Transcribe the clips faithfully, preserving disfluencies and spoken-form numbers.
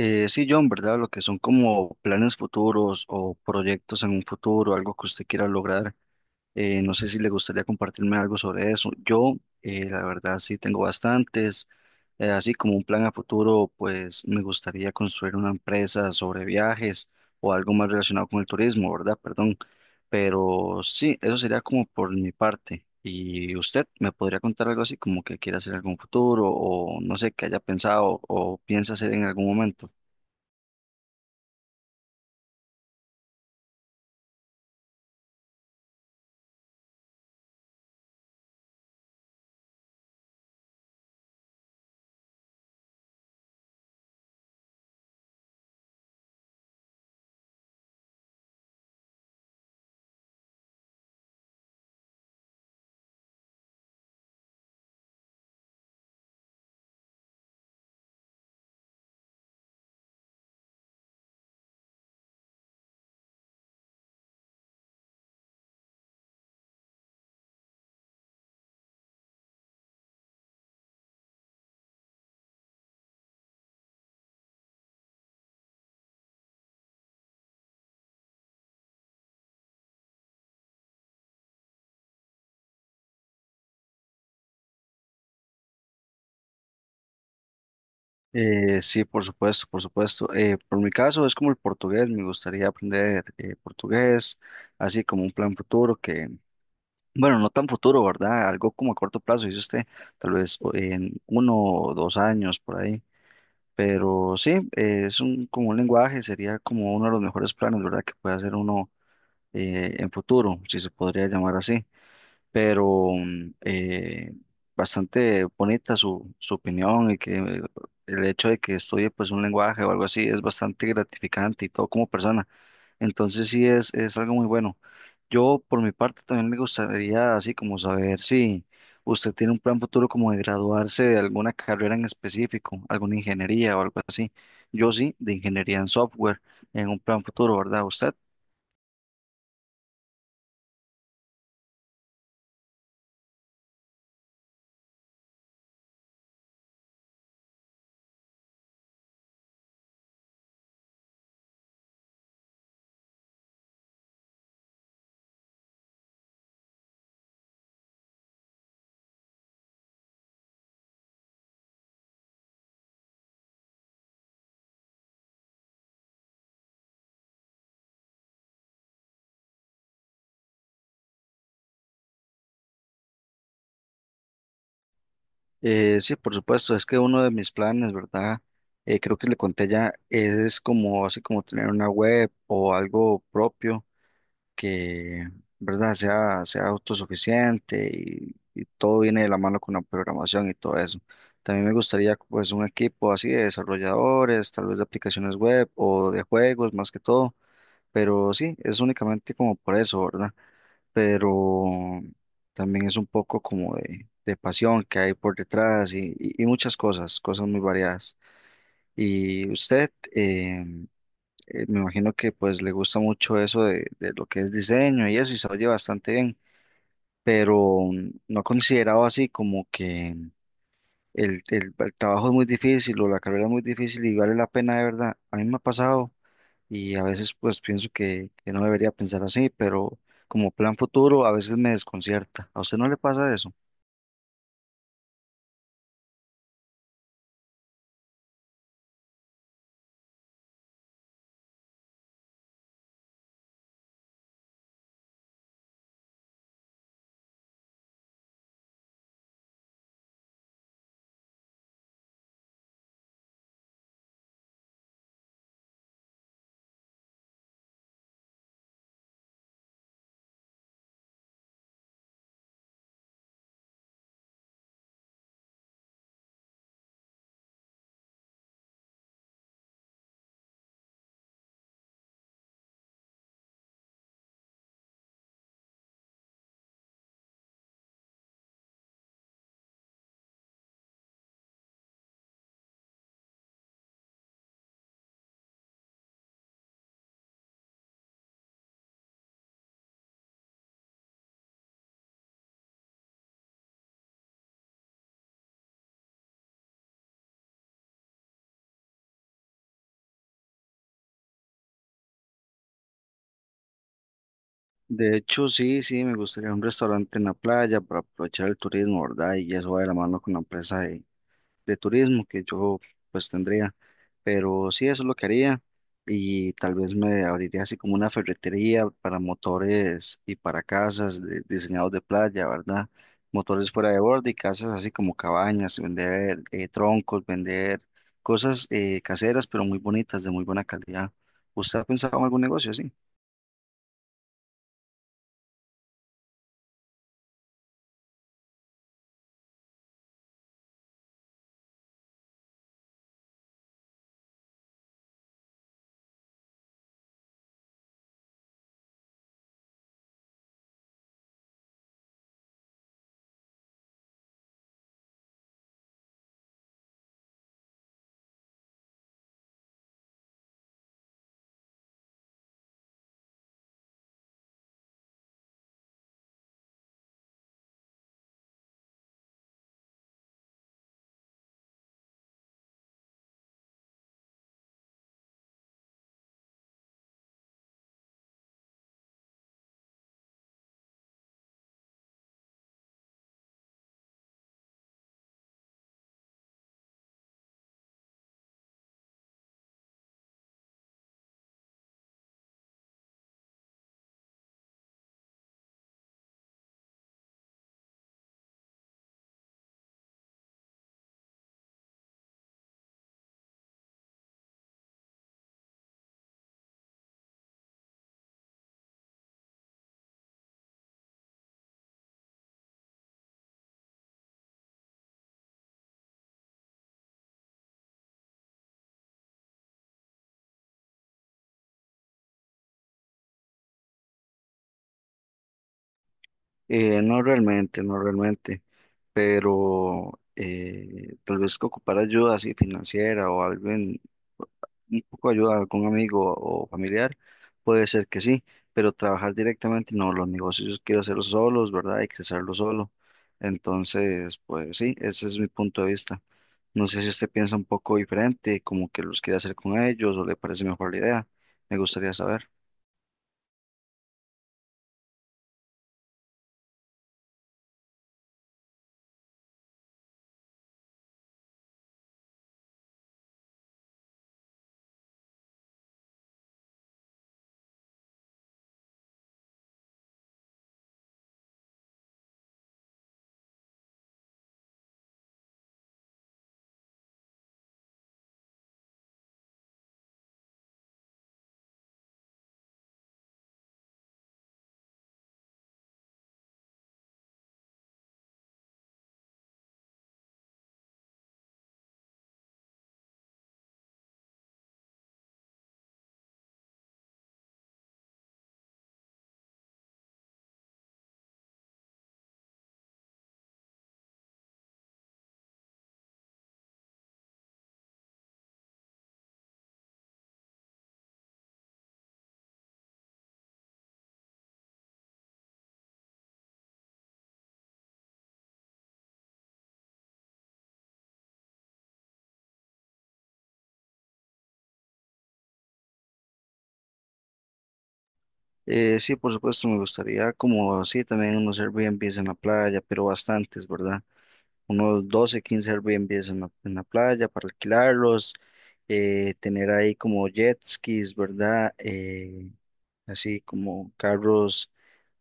Eh, sí, John, ¿verdad? Lo que son como planes futuros o proyectos en un futuro, algo que usted quiera lograr. Eh, no sé si le gustaría compartirme algo sobre eso. Yo, eh, la verdad, sí tengo bastantes. Eh, así como un plan a futuro, pues me gustaría construir una empresa sobre viajes o algo más relacionado con el turismo, ¿verdad? Perdón. Pero sí, eso sería como por mi parte. ¿Y usted me podría contar algo así como que quiera hacer en algún futuro o no sé, que haya pensado o piensa hacer en algún momento? Eh, sí, por supuesto, por supuesto. Eh, por mi caso es como el portugués, me gustaría aprender eh, portugués, así como un plan futuro que, bueno, no tan futuro, ¿verdad? Algo como a corto plazo, dice usted, tal vez o- en uno o dos años por ahí. Pero sí, eh, es un, como un lenguaje, sería como uno de los mejores planes, ¿verdad? Que puede hacer uno eh, en futuro, si se podría llamar así, pero mm, eh, bastante bonita su, su opinión y que eh, el hecho de que estudie pues un lenguaje o algo así es bastante gratificante y todo como persona. Entonces sí es, es algo muy bueno. Yo por mi parte también me gustaría así como saber si usted tiene un plan futuro como de graduarse de alguna carrera en específico, alguna ingeniería o algo así. Yo sí, de ingeniería en software, en un plan futuro, ¿verdad? ¿Usted? Eh, sí, por supuesto, es que uno de mis planes, ¿verdad? Eh, creo que le conté ya, es como así como tener una web o algo propio que, ¿verdad? Sea, sea autosuficiente y, y todo viene de la mano con la programación y todo eso. También me gustaría pues un equipo así de desarrolladores, tal vez de aplicaciones web o de juegos más que todo, pero sí, es únicamente como por eso, ¿verdad? Pero también es un poco como de, de pasión que hay por detrás y, y- y muchas cosas, cosas muy variadas. Y usted, eh, eh, me imagino que pues le gusta mucho eso de, de lo que es diseño y eso, y se oye bastante bien, pero mm, no ha considerado así como que el, el- el trabajo es muy difícil o la carrera es muy difícil y vale la pena de verdad. A mí me ha pasado y a veces pues pienso que, que no debería pensar así, pero como plan futuro a veces me desconcierta. ¿A usted no le pasa eso? De hecho, sí, sí, me gustaría un restaurante en la playa para aprovechar el turismo, ¿verdad? Y eso va de la mano con la empresa de, de turismo que yo pues tendría. Pero sí, eso es lo que haría y tal vez me abriría así como una ferretería para motores y para casas de- diseñados de playa, ¿verdad? Motores fuera de borde y casas así como cabañas, vender eh, troncos, vender cosas eh, caseras pero muy bonitas, de muy buena calidad. ¿Usted ha pensado en algún negocio así? Eh, no realmente, no realmente. Pero eh, tal vez que ocupar ayuda así financiera o alguien, un poco de ayuda a algún amigo o familiar, puede ser que sí, pero trabajar directamente no, los negocios quiero hacerlos solos, ¿verdad? Y crecerlos solo. Entonces, pues sí, ese es mi punto de vista. No sé si usted piensa un poco diferente, como que los quiere hacer con ellos o le parece mejor la idea. Me gustaría saber. Eh, sí, por supuesto, me gustaría como sí, también unos Airbnbs en la playa, pero bastantes, ¿verdad? Unos doce quince Airbnbs en la, en la playa para alquilarlos, eh, tener ahí como jet skis, ¿verdad? Eh, así como carros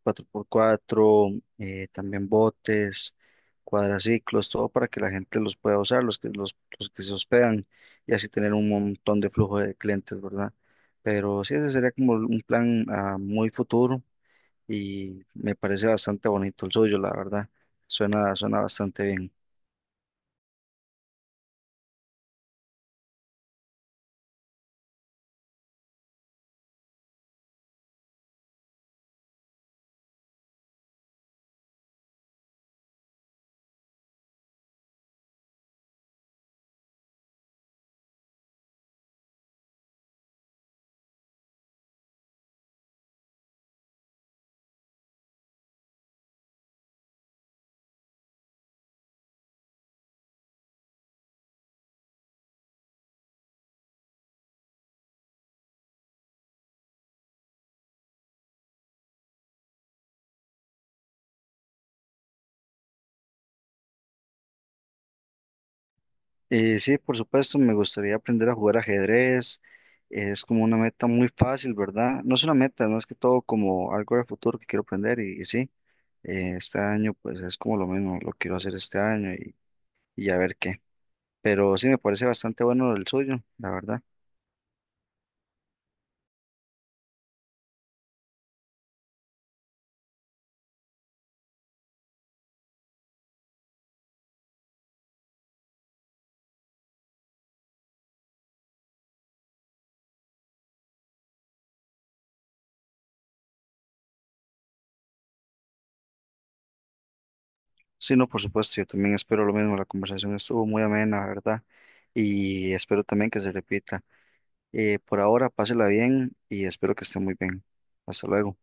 cuatro por cuatro, eh, también botes, cuadraciclos, todo para que la gente los pueda usar, los que, los, los que se hospedan y así tener un montón de flujo de clientes, ¿verdad? Pero sí, ese sería como un plan a muy futuro y me parece bastante bonito el suyo, la verdad. Suena, suena bastante bien. Eh, sí, por supuesto, me gustaría aprender a jugar ajedrez. Es como una meta muy fácil, ¿verdad? No es una meta, no es más que todo como algo de futuro que quiero aprender y, y sí, eh, este año pues es como lo mismo, lo quiero hacer este año y, y a ver qué. Pero sí, me parece bastante bueno el suyo, la verdad. Sí, no, por supuesto, yo también espero lo mismo. La conversación estuvo muy amena, la ¿verdad? Y espero también que se repita. Eh, por ahora, pásela bien y espero que esté muy bien. Hasta luego.